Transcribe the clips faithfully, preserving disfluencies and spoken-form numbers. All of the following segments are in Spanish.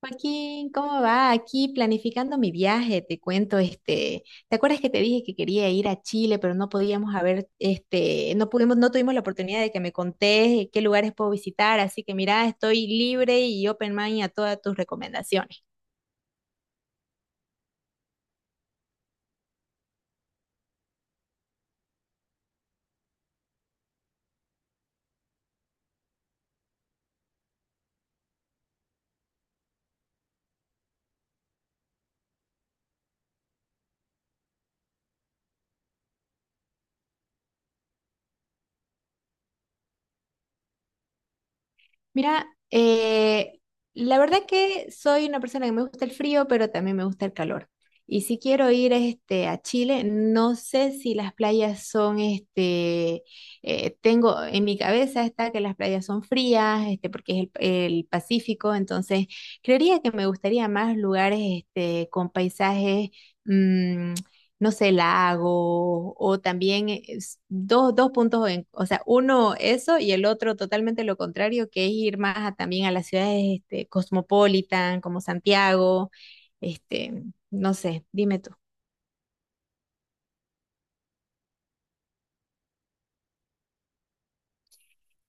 Joaquín, ¿cómo va? Aquí planificando mi viaje, te cuento, este, ¿te acuerdas que te dije que quería ir a Chile, pero no podíamos haber, este, no pudimos, no tuvimos la oportunidad de que me contés eh, qué lugares puedo visitar? Así que mira, estoy libre y open mind a todas tus recomendaciones. Mira, eh, la verdad que soy una persona que me gusta el frío, pero también me gusta el calor. Y si quiero ir este, a Chile, no sé si las playas son, este, eh, tengo en mi cabeza está que las playas son frías, este, porque es el, el Pacífico, entonces creería que me gustaría más lugares este, con paisajes, mm, no sé, lago, o también es- dos, dos puntos, en- o sea, uno eso y el otro totalmente lo contrario, que es ir más a- también a las ciudades este, cosmopolitan, como Santiago, este, no sé, dime tú.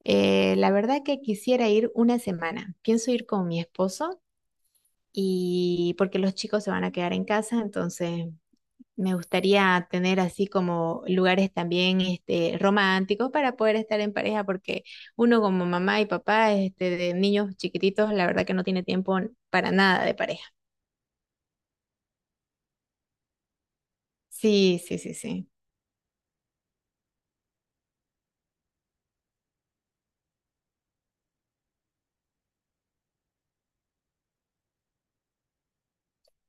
Eh, la verdad que quisiera ir una semana. Pienso ir con mi esposo y porque los chicos se van a quedar en casa. Entonces me gustaría tener así como lugares también este, románticos para poder estar en pareja, porque uno como mamá y papá este, de niños chiquititos, la verdad que no tiene tiempo para nada de pareja. Sí, sí, sí, sí.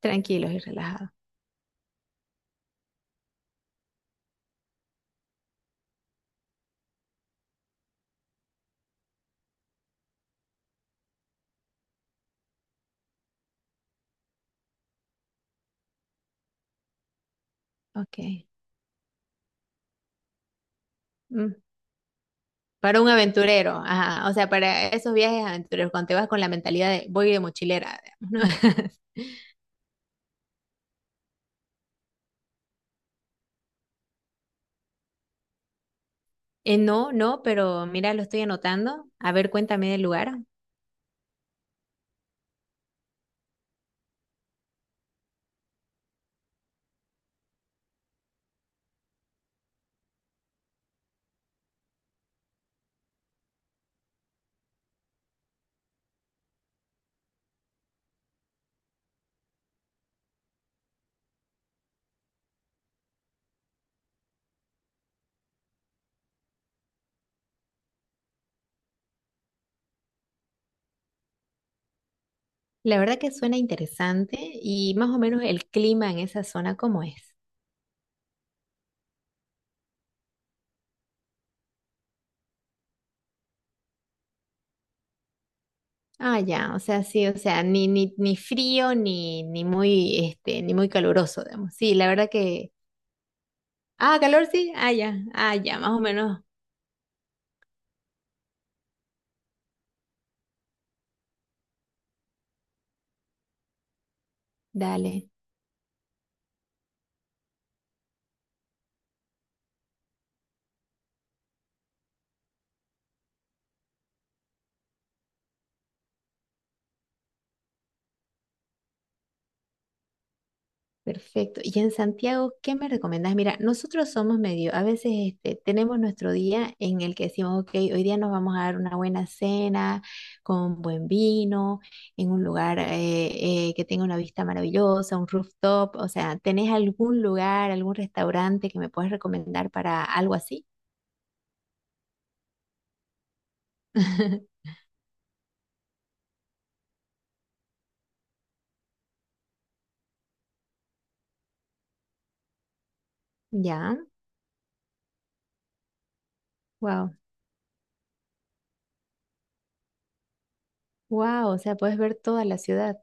Tranquilos y relajados. Ok. Mm. Para un aventurero, ajá. O sea, para esos viajes aventureros, cuando te vas con la mentalidad de voy de mochilera, digamos, ¿no? Eh, no, no, pero mira, lo estoy anotando. A ver, cuéntame del lugar. La verdad que suena interesante. ¿Y más o menos el clima en esa zona, cómo es? Ah, ya, o sea, sí, o sea, ni, ni, ni frío ni, ni muy, este, ni muy caluroso, digamos. Sí, la verdad que. Ah, calor sí, ah, ya, ah, ya, más o menos. Dale. Perfecto. ¿Y en Santiago, qué me recomendás? Mira, nosotros somos medio, a veces este, tenemos nuestro día en el que decimos, ok, hoy día nos vamos a dar una buena cena con buen vino, en un lugar eh, eh, que tenga una vista maravillosa, un rooftop. O sea, ¿tenés algún lugar, algún restaurante que me puedas recomendar para algo así? Ya, wow, wow, o sea, puedes ver toda la ciudad.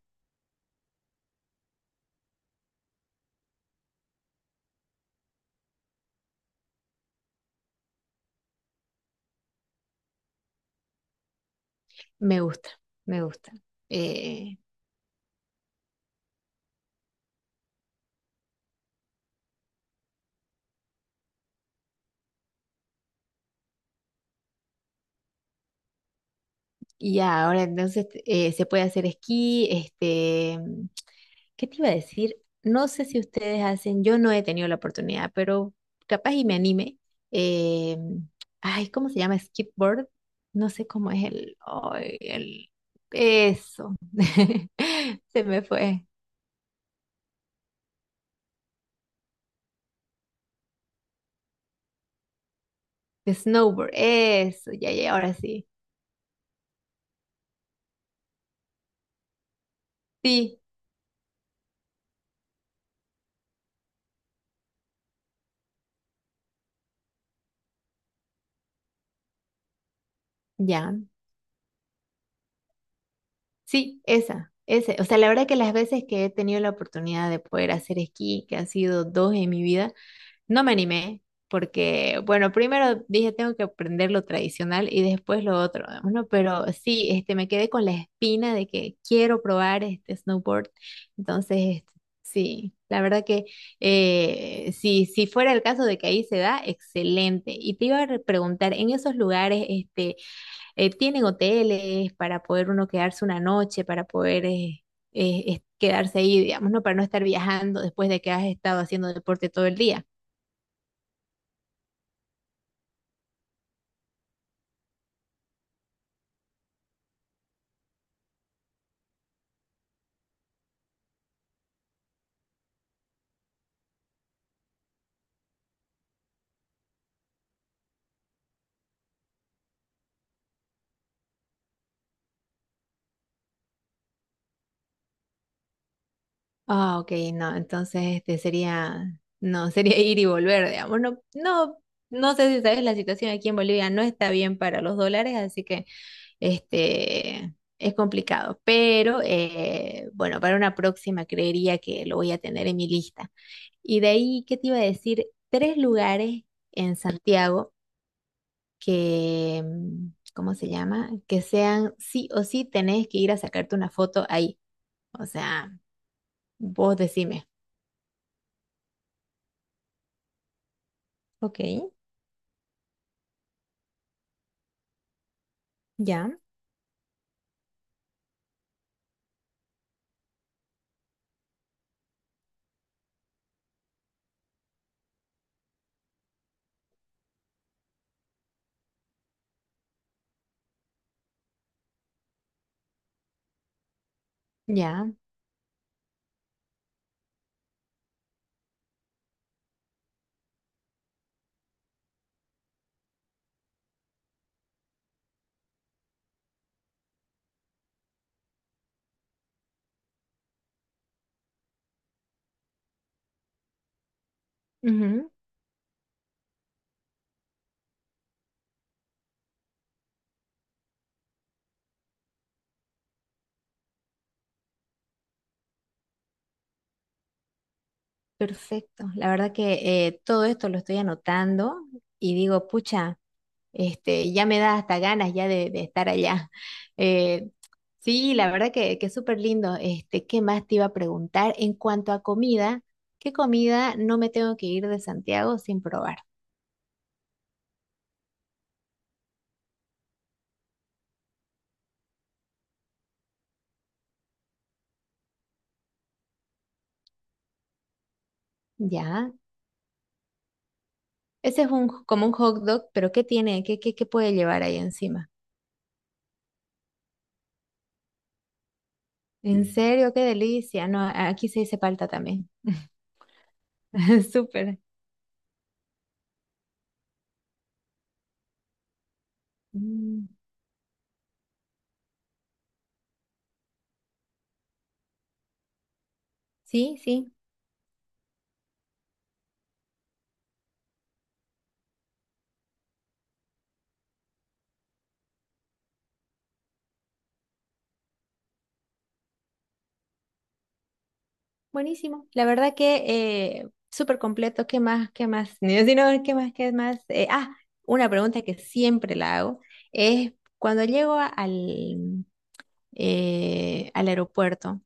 Me gusta, me gusta. Eh, Y ya, ahora entonces eh, se puede hacer esquí, este, ¿qué te iba a decir? No sé si ustedes hacen, yo no he tenido la oportunidad, pero capaz y me anime. eh, Ay, ¿cómo se llama? Skateboard. No sé cómo es el, ay, el, eso. Se me fue. Snowboard, eso, ya, ya, ahora sí. Sí, ya. Sí, esa, ese. O sea, la verdad que las veces que he tenido la oportunidad de poder hacer esquí, que han sido dos en mi vida, no me animé porque, bueno, primero dije tengo que aprender lo tradicional y después lo otro. Bueno, pero sí, este, me quedé con la espina de que quiero probar este snowboard. Entonces, este, sí, la verdad que eh, si, si fuera el caso de que ahí se da, excelente. Y te iba a re- preguntar, ¿en esos lugares este, eh, tienen hoteles para poder uno quedarse una noche, para poder eh, eh, es- quedarse ahí, digamos, no? Para no estar viajando después de que has estado haciendo deporte todo el día. Ah, ok, no, entonces este sería, no, sería ir y volver, digamos. No, no, no sé si sabes, la situación aquí en Bolivia no está bien para los dólares, así que este es complicado. Pero eh, bueno, para una próxima creería que lo voy a tener en mi lista. Y de ahí, ¿qué te iba a decir? Tres lugares en Santiago que, mm, ¿cómo se llama? Que sean sí o sí tenés que ir a sacarte una foto ahí. O sea, vos decime. Ok. Ya, ya. Ujú. Perfecto. La verdad que eh, todo esto lo estoy anotando y digo, pucha, este, ya me da hasta ganas ya de, de, estar allá. Eh, sí, la verdad que, que súper lindo. Este, ¿qué más te iba a preguntar? En cuanto a comida, ¿qué comida no me tengo que ir de Santiago sin probar? Ya. Ese es un, como un hot dog, pero ¿qué tiene? ¿Qué, qué, qué puede llevar ahí encima? En serio, qué delicia. No, aquí se dice palta también. Súper. Mm. Sí, sí, buenísimo. La verdad que eh, súper completo. ¿Qué más? ¿Qué más? No, si no, ¿qué más? ¿Qué más? Eh, ah, una pregunta que siempre la hago es cuando llego a- al, eh, al aeropuerto,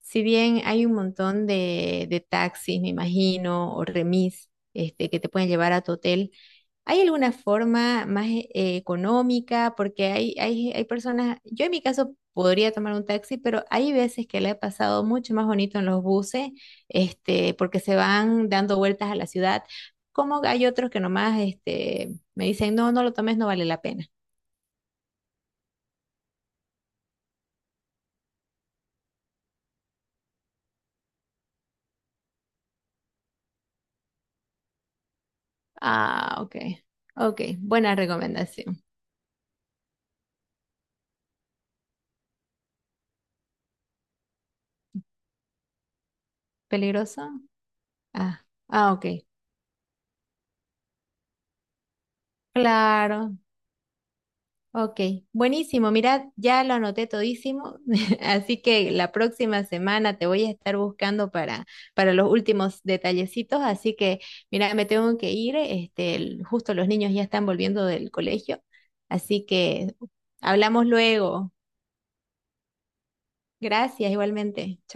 si bien hay un montón de, de taxis, me imagino, o remis, este, que te pueden llevar a tu hotel. ¿Hay alguna forma más e- eh, económica? Porque hay, hay, hay personas, yo en mi caso podría tomar un taxi, pero hay veces que le he pasado mucho más bonito en los buses, este, porque se van dando vueltas a la ciudad. Como hay otros que nomás, este, me dicen, no, no lo tomes, no vale la pena. Ah, ok, ok, buena recomendación. ¿Peligroso? Ah, ah, ok. Claro. Ok, buenísimo. Mira, ya lo anoté todísimo, así que la próxima semana te voy a estar buscando para, para los últimos detallecitos. Así que, mira, me tengo que ir. Este, el- justo los niños ya están volviendo del colegio, así que hablamos luego. Gracias, igualmente.